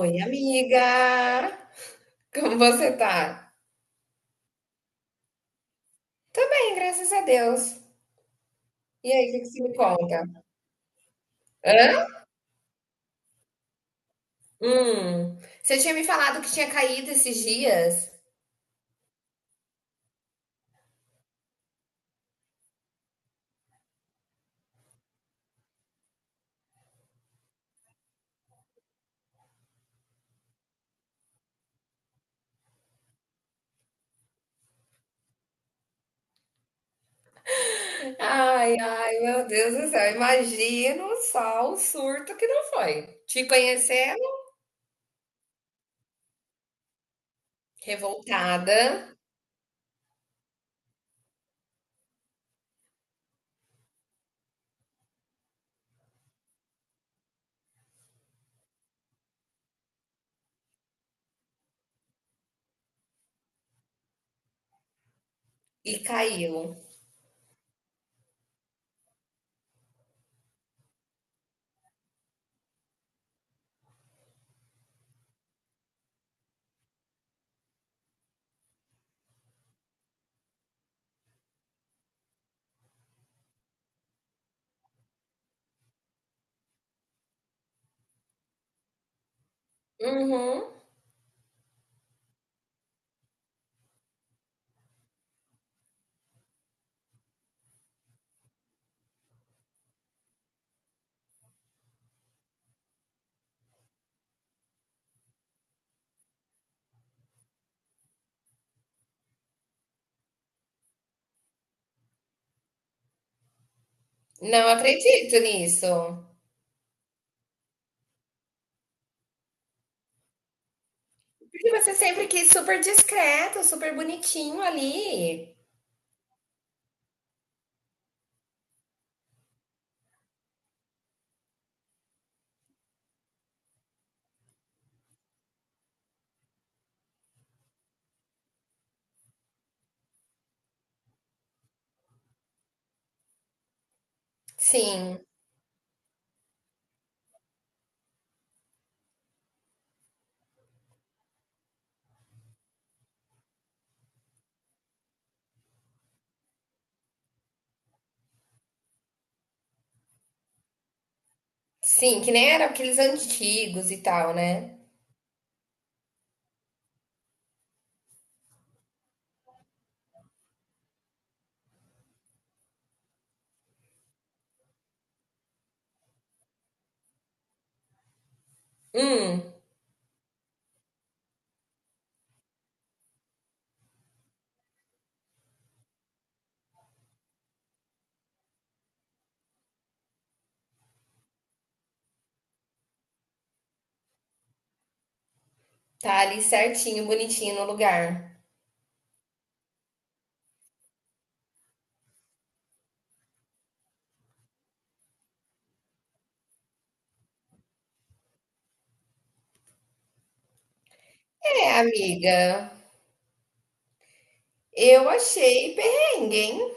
Oi, amiga! Como você tá? Tô bem, graças a Deus. E aí, o que que você me conta? Hã? Hum, você tinha me falado que tinha caído esses dias? Ai, ai, meu Deus do céu, imagino só o surto que não foi. Te conhecendo, revoltada e caiu. Uhum. Não acredito nisso. Porque você sempre quis super discreto, super bonitinho ali. Sim. Sim, que nem eram aqueles antigos e tal, né? Hum, tá ali certinho, bonitinho no lugar. É, amiga, eu achei perrengue, hein?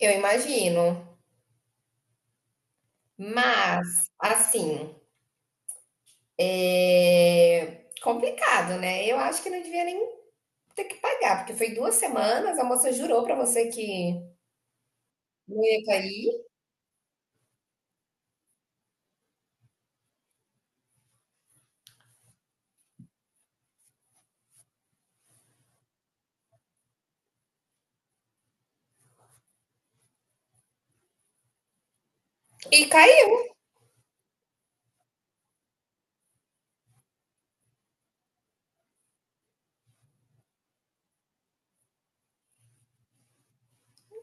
Eu imagino. Mas, assim, é complicado, né? Eu acho que não devia nem ter que pagar, porque foi duas semanas, a moça jurou pra você que não ia cair e caiu.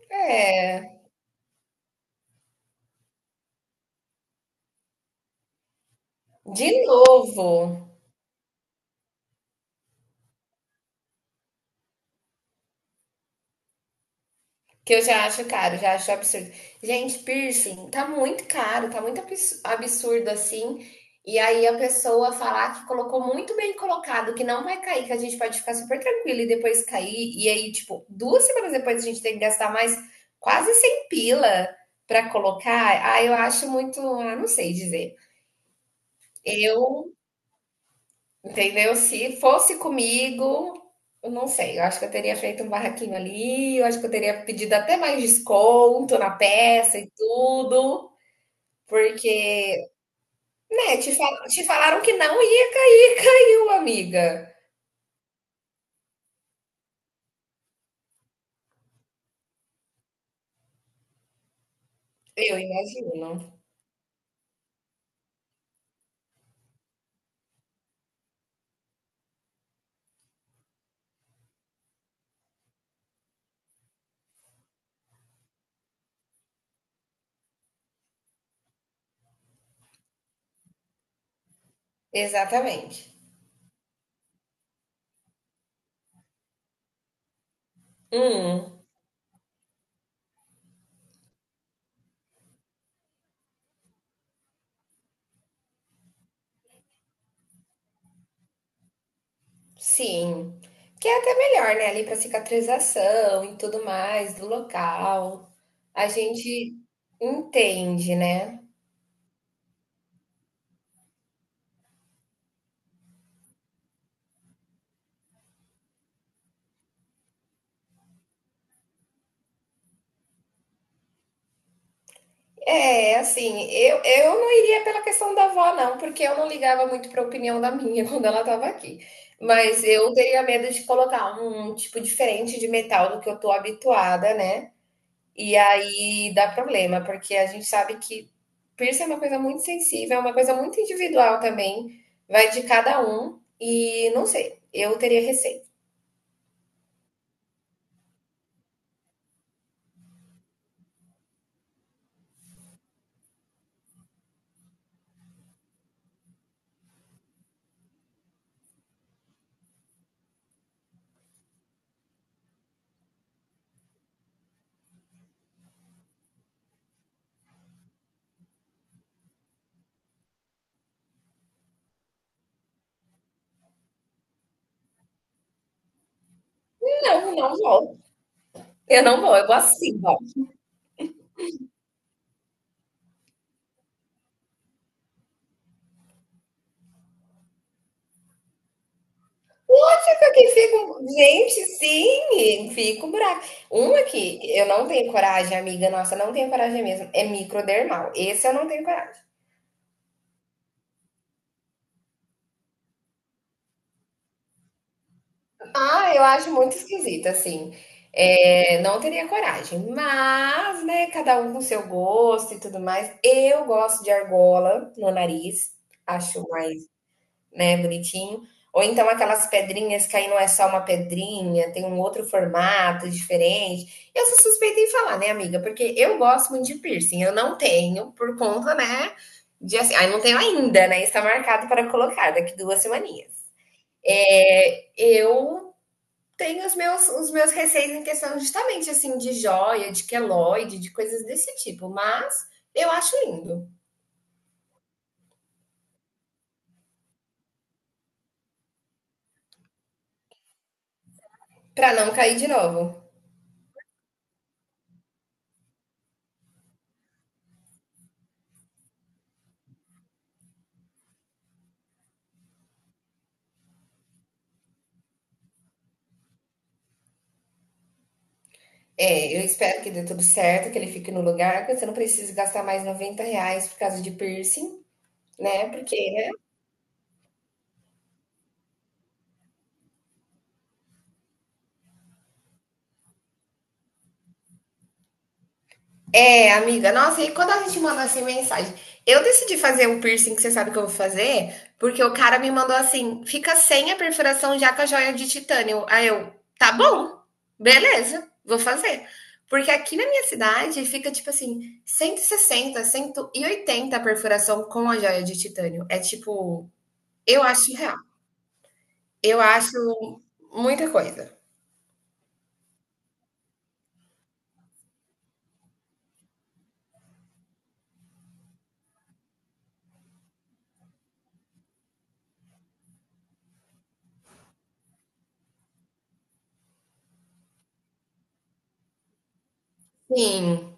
É, de novo. Que eu já acho caro, já acho absurdo. Gente, piercing tá muito caro, tá muito abs- absurdo assim. E aí a pessoa falar que colocou muito bem colocado, que não vai cair, que a gente pode ficar super tranquilo e depois cair. E aí, tipo, duas semanas depois a gente tem que gastar mais quase 100 pila pra colocar. Ah, eu acho muito, ah, não sei dizer. Eu entendeu? Se fosse comigo, eu não sei, eu acho que eu teria feito um barraquinho ali, eu acho que eu teria pedido até mais desconto na peça e tudo, porque, né, te, fal- te falaram que não ia cair, caiu, amiga. Eu imagino. Exatamente. Hum, sim. Que é até melhor, né, ali para cicatrização e tudo mais do local. A gente entende, né? É, assim, eu, não iria pela questão da avó, não, porque eu não ligava muito para a opinião da minha quando ela estava aqui. Mas eu teria medo de colocar um tipo diferente de metal do que eu tô habituada, né? E aí dá problema, porque a gente sabe que piercing é uma coisa muito sensível, é uma coisa muito individual também, vai de cada um, e não sei, eu teria receio. Não, não vou. Eu não vou, eu vou assim, fica que fico, gente, sim, fico brava. Uma que eu não tenho coragem, amiga, nossa, não tenho coragem mesmo, é microdermal. Esse eu não tenho coragem. Ah, eu acho muito esquisito, assim. É, não teria coragem, mas, né, cada um com seu gosto e tudo mais. Eu gosto de argola no nariz, acho mais, né, bonitinho. Ou então aquelas pedrinhas que aí não é só uma pedrinha, tem um outro formato diferente. Eu sou suspeita em falar, né, amiga? Porque eu gosto muito de piercing. Eu não tenho, por conta, né? De assim, aí não tenho ainda, né? Está marcado para colocar daqui duas semaninhas. É, eu tenho os meus receios em questão justamente assim de joia, de queloide, de coisas desse tipo, mas eu acho lindo. Para não cair de novo. É, eu espero que dê tudo certo, que ele fique no lugar, que você não precise gastar mais 90 reais por causa de piercing, né? Porque, né? É, amiga, nossa, e quando a gente manda assim mensagem? Eu decidi fazer um piercing que você sabe que eu vou fazer, porque o cara me mandou assim: fica sem a perfuração já com a joia de titânio. Aí eu, tá bom, beleza, vou fazer. Porque aqui na minha cidade fica tipo assim, 160, 180 a perfuração com a joia de titânio. É tipo, eu acho real. Eu acho muita coisa. Sim,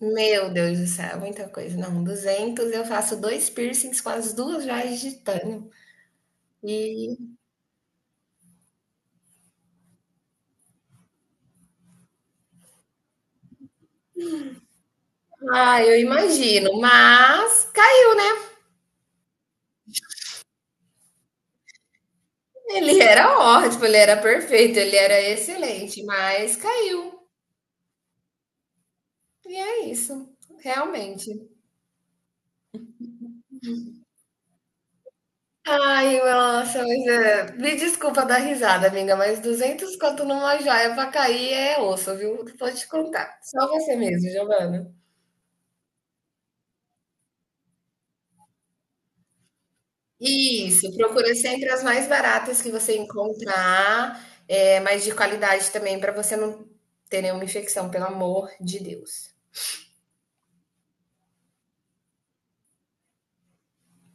meu Deus do céu, muita coisa. Não, 200 eu faço 2 piercings com as 2 joias de titânio. E, ah, eu imagino, mas caiu, né? Ele era ótimo, ele era perfeito, ele era excelente, mas caiu. E é isso, realmente. Ai, nossa, mas é, me desculpa dar risada, amiga, mas 200 conto numa joia pra cair é osso, viu? Vou te contar. Só você mesmo, Giovana. Isso, procura sempre as mais baratas que você encontrar, eh, mas de qualidade também para você não ter nenhuma infecção, pelo amor de Deus.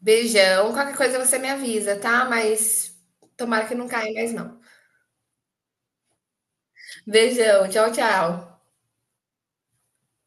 Beijão, qualquer coisa você me avisa, tá? Mas tomara que não caia mais não. Beijão, tchau, tchau.